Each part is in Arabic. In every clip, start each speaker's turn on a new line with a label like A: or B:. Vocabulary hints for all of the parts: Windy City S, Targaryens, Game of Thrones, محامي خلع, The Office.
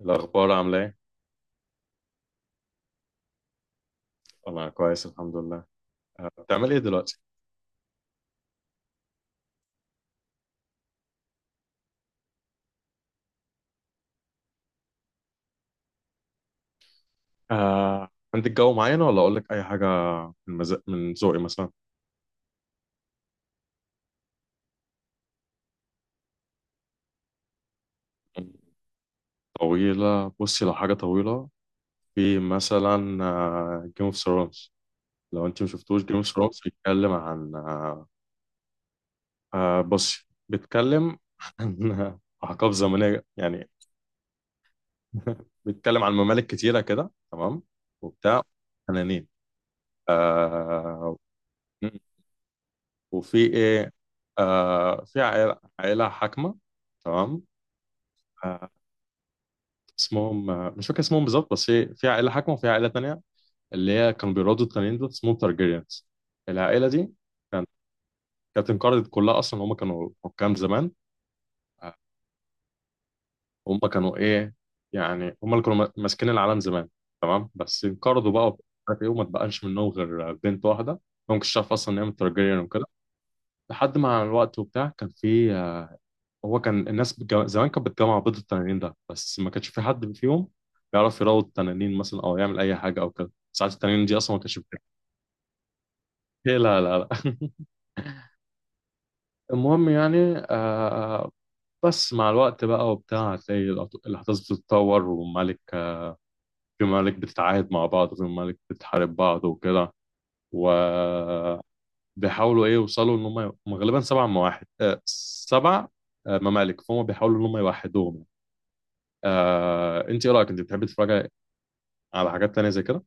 A: الأخبار عاملة إيه؟ أنا كويس الحمد لله. بتعمل إيه دلوقتي؟ آه، عندك جو معين ولا أقول لك أي حاجة من ذوقي مثلا؟ طويلة، بصي لو حاجة طويلة في مثلا جيم اوف ثرونز. لو أنت ما شفتوش جيم اوف ثرونز، بيتكلم عن بصي، بيتكلم عن أحقاب زمنية يعني. بيتكلم عن ممالك كتيرة كده، تمام، وبتاع تنانين. آه، وفي ايه؟ في عائلة حاكمة، تمام. آه اسمهم، مش فاكر اسمهم بالظبط، بس هي في عائلة حاكمة وفي عائلة تانية اللي هي كانوا بيرادوا، التانيين دول اسمهم تارجيريانز. العائلة دي كانت كانت انقرضت كلها أصلا، هم كانوا حكام زمان. آه، هم كانوا إيه؟ يعني هم اللي كانوا ماسكين العالم زمان، تمام. بس انقرضوا بقى ومش عارف إيه، وما اتبقاش منهم غير بنت واحدة. ما كنتش عارف أصلا إن هي من تارجيريان وكده لحد مع الوقت وبتاع. كان في هو كان الناس زمان كانت بتجمع بيض التنانين ده، بس ما كانش في حد فيهم بيعرف يروض التنانين مثلا او يعمل اي حاجه او كده. ساعات التنانين دي اصلا ما كانتش بتاكل. إيه؟ لا، لا، لا. المهم يعني. آه بس مع الوقت بقى وبتاع هتلاقي الاحداث بتتطور، وملك في ملك بتتعاهد مع بعض، وفي ملك بتحارب بعض وكده. وبيحاولوا ايه يوصلوا ان هم، غالبا سبع مواحد، سبع ممالك، فهم بيحاولوا ان هم يوحدوهم يعني. انت ايه رايك؟ انت بتحبي تتفرجي على حاجات تانية زي كده؟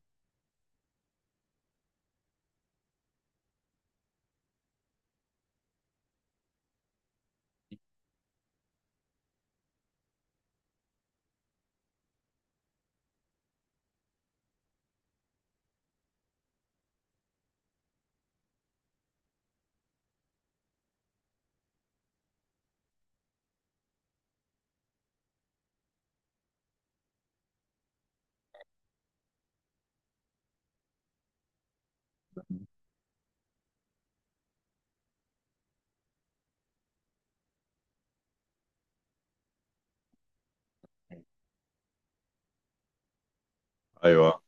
A: ايوه،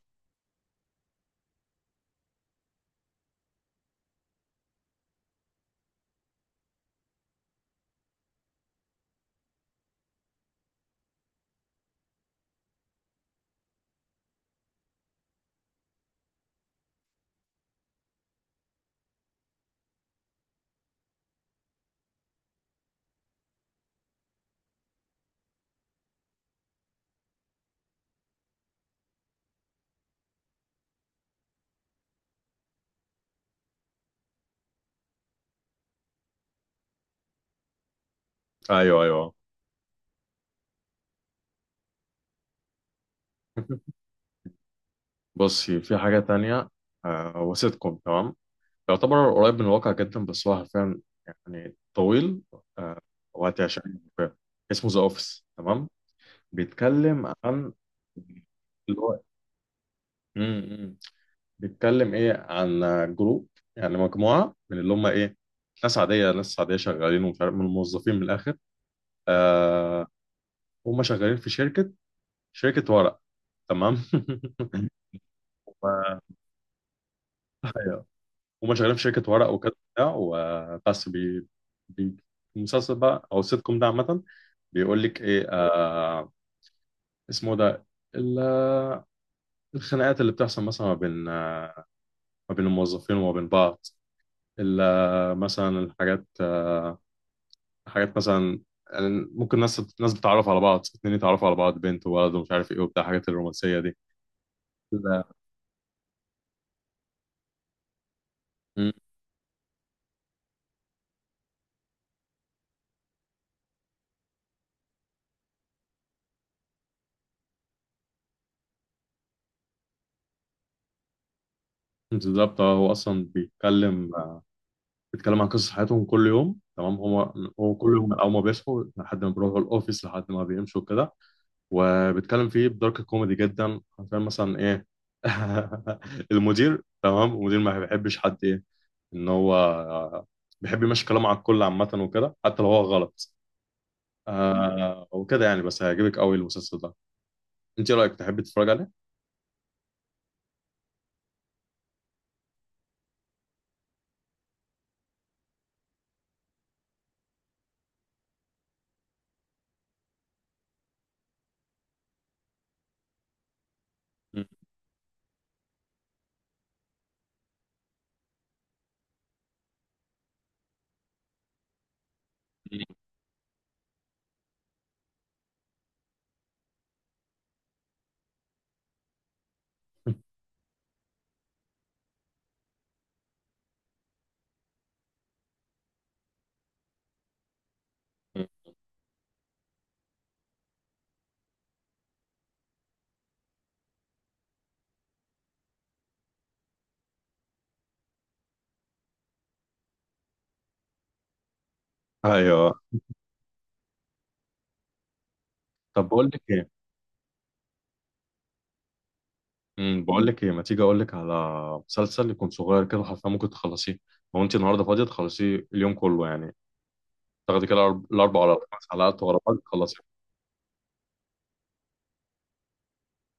A: ايوه، ايوه. بصي، في حاجه تانية. هو سيت كوم، تمام، يعتبر قريب من الواقع جدا، بس هو حرفيا يعني طويل. آه وهتعشقه. اسمه ذا اوفيس، تمام. بيتكلم عن اللي هو، امم بيتكلم ايه عن جروب، يعني مجموعه من اللي هم ايه، ناس عاديه شغالين ومش عارف، من الموظفين، من الاخر. آه هم شغالين في شركه، شركه ورق، تمام. ايوه. هما شغالين في شركه ورق وكده وبتاع، وبس بي, بي المسلسل بقى او السيت كوم ده عامه بيقول لك ايه؟ اسمه ده ال- الخناقات اللي بتحصل مثلا ما بين، ما بين الموظفين وما بين بعض. مثلا الحاجات، حاجات مثلا، يعني ممكن ناس بتتعرف على بعض، اتنين يتعرفوا على بعض، بنت وولد ومش عارف ايه وبتاع الحاجات الرومانسيه دي. لا. مم. بالظبط. هو اصلا بيتكلم، بيتكلم عن قصص حياتهم كل يوم، تمام. هو كل يوم من اول ما بيصحوا لحد ما بيروحوا الاوفيس لحد ما بيمشوا كده. وبيتكلم فيه بدارك كوميدي جدا، عشان مثلا ايه، المدير، تمام، المدير ما بيحبش حد، ايه، ان هو بيحب يمشي كلامه على الكل عامه وكده حتى لو هو غلط. وكده يعني، بس هيعجبك قوي المسلسل ده. انت إيه رايك؟ تحب تتفرج عليه؟ ايوه. طب بقول لك ايه، بقول لك ايه، ما تيجي اقول لك على مسلسل يكون صغير كده حرفيا ممكن تخلصيه. لو انت النهارده فاضيه تخلصيه اليوم كله يعني. تاخدي كده الاربع ولا خمس حلقات ورا بعض تخلصيه.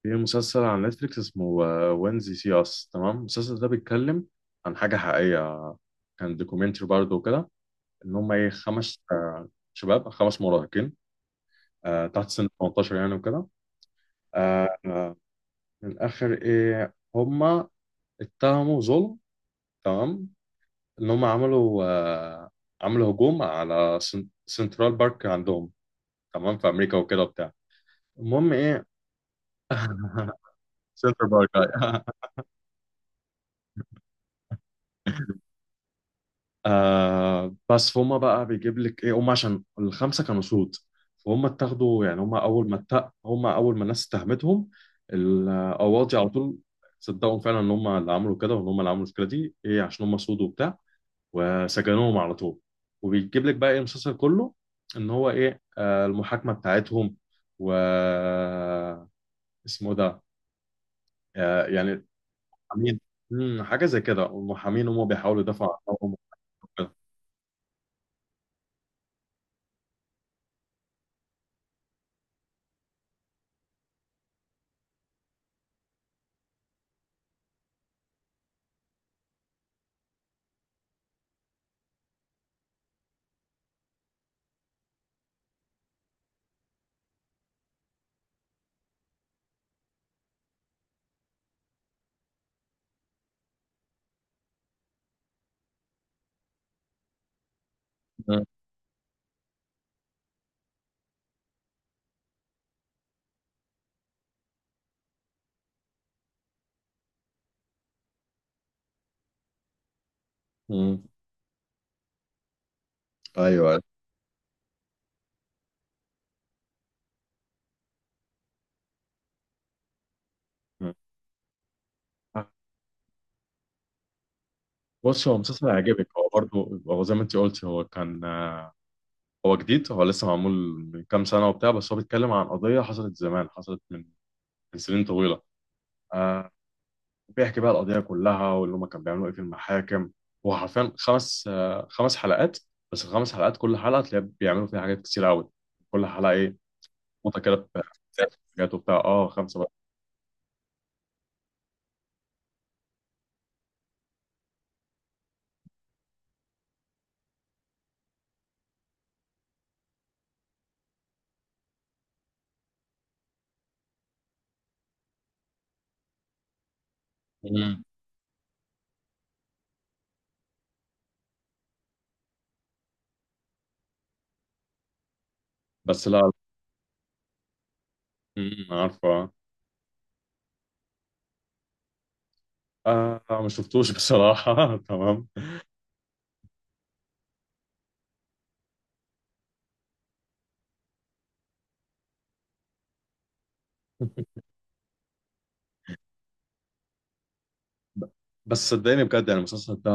A: في مسلسل على نتفليكس اسمه وينزي سي اس، تمام. المسلسل ده بيتكلم عن حاجه حقيقيه، كان دوكيومنتري برضه وكده. ان هم ايه، خمس شباب، خمس مراهقين تحت سن 18 يعني وكده. آه، آه، من الاخر ايه، هم اتهموا ظلم، تمام. ان هم عملوا، عملوا هجوم على سنترال بارك عندهم، تمام، في امريكا وكده وبتاع. المهم ايه، سنترال بارك، أيوة. بس فهم بقى بيجيب لك ايه، هم عشان الخمسه كانوا سود، فهم اتاخدوا يعني. هم اول ما هم اول ما الناس اتهمتهم، القواضي على طول صدقوا فعلا ان هم اللي عملوا كده وان هم اللي عملوا المشكله دي، ايه، عشان هم سود وبتاع، وسجنوهم على طول. وبيجيب لك بقى ايه المسلسل كله، ان هو ايه المحاكمه بتاعتهم، و اسمه ده يعني محامين. مم، حاجه زي كده، والمحامين هم بيحاولوا يدافعوا عنهم وكده. مم. مم. ايوه. مم. بص، هو مسلسل هيعجبك، هو برضه هو زي ما انت قلت. هو كان هو جديد، هو لسه معمول من كام سنه وبتاع، بس هو بيتكلم عن قضيه حصلت زمان، حصلت من سنين طويله. آه، بيحكي بقى القضية كلها واللي هما كانوا بيعملوا ايه في المحاكم. هو حرفيا خمس خمس حلقات. بس الخمس حلقات كل حلقة تلاقي بيعملوا فيها حاجات كتير قوي، كل حلقة ايه نقطة كده في حاجات وبتاع، اه، خمسة بقى. مم. بس لا. مم، عارفة. ما شفتوش بصراحة. تمام. ب- بس صدقني، بجد يعني المسلسل ده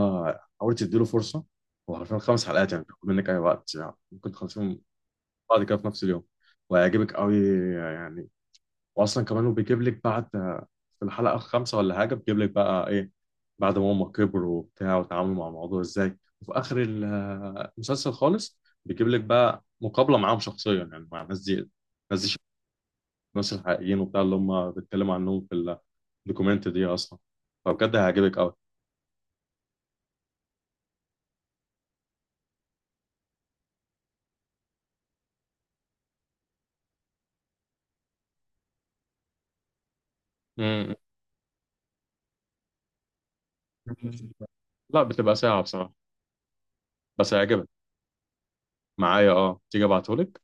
A: حاولت تديله فرصة. هو حرفيا خمس حلقات، يعني بياخد منك أي وقت، يعني ممكن تخلصيهم بعد كده في نفس اليوم، وهيعجبك قوي يعني. واصلا كمان وبيجيب لك بعد في الحلقه الخامسه ولا حاجه، بيجيب لك بقى ايه بعد ما هم كبروا وبتاع وتعاملوا مع الموضوع ازاي. وفي اخر المسلسل خالص بيجيب لك بقى مقابله معاهم شخصيا، يعني مع الناس دي. الناس دي الناس الحقيقيين وبتاع اللي هم بيتكلموا عنهم في الدوكيومنت دي اصلا. فبجد هيعجبك قوي. مم. لا، بتبقى ساعه بصراحه، بس هيعجبك. معايا، اه، تيجي ابعتهولك.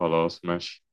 A: خلاص، ماشي.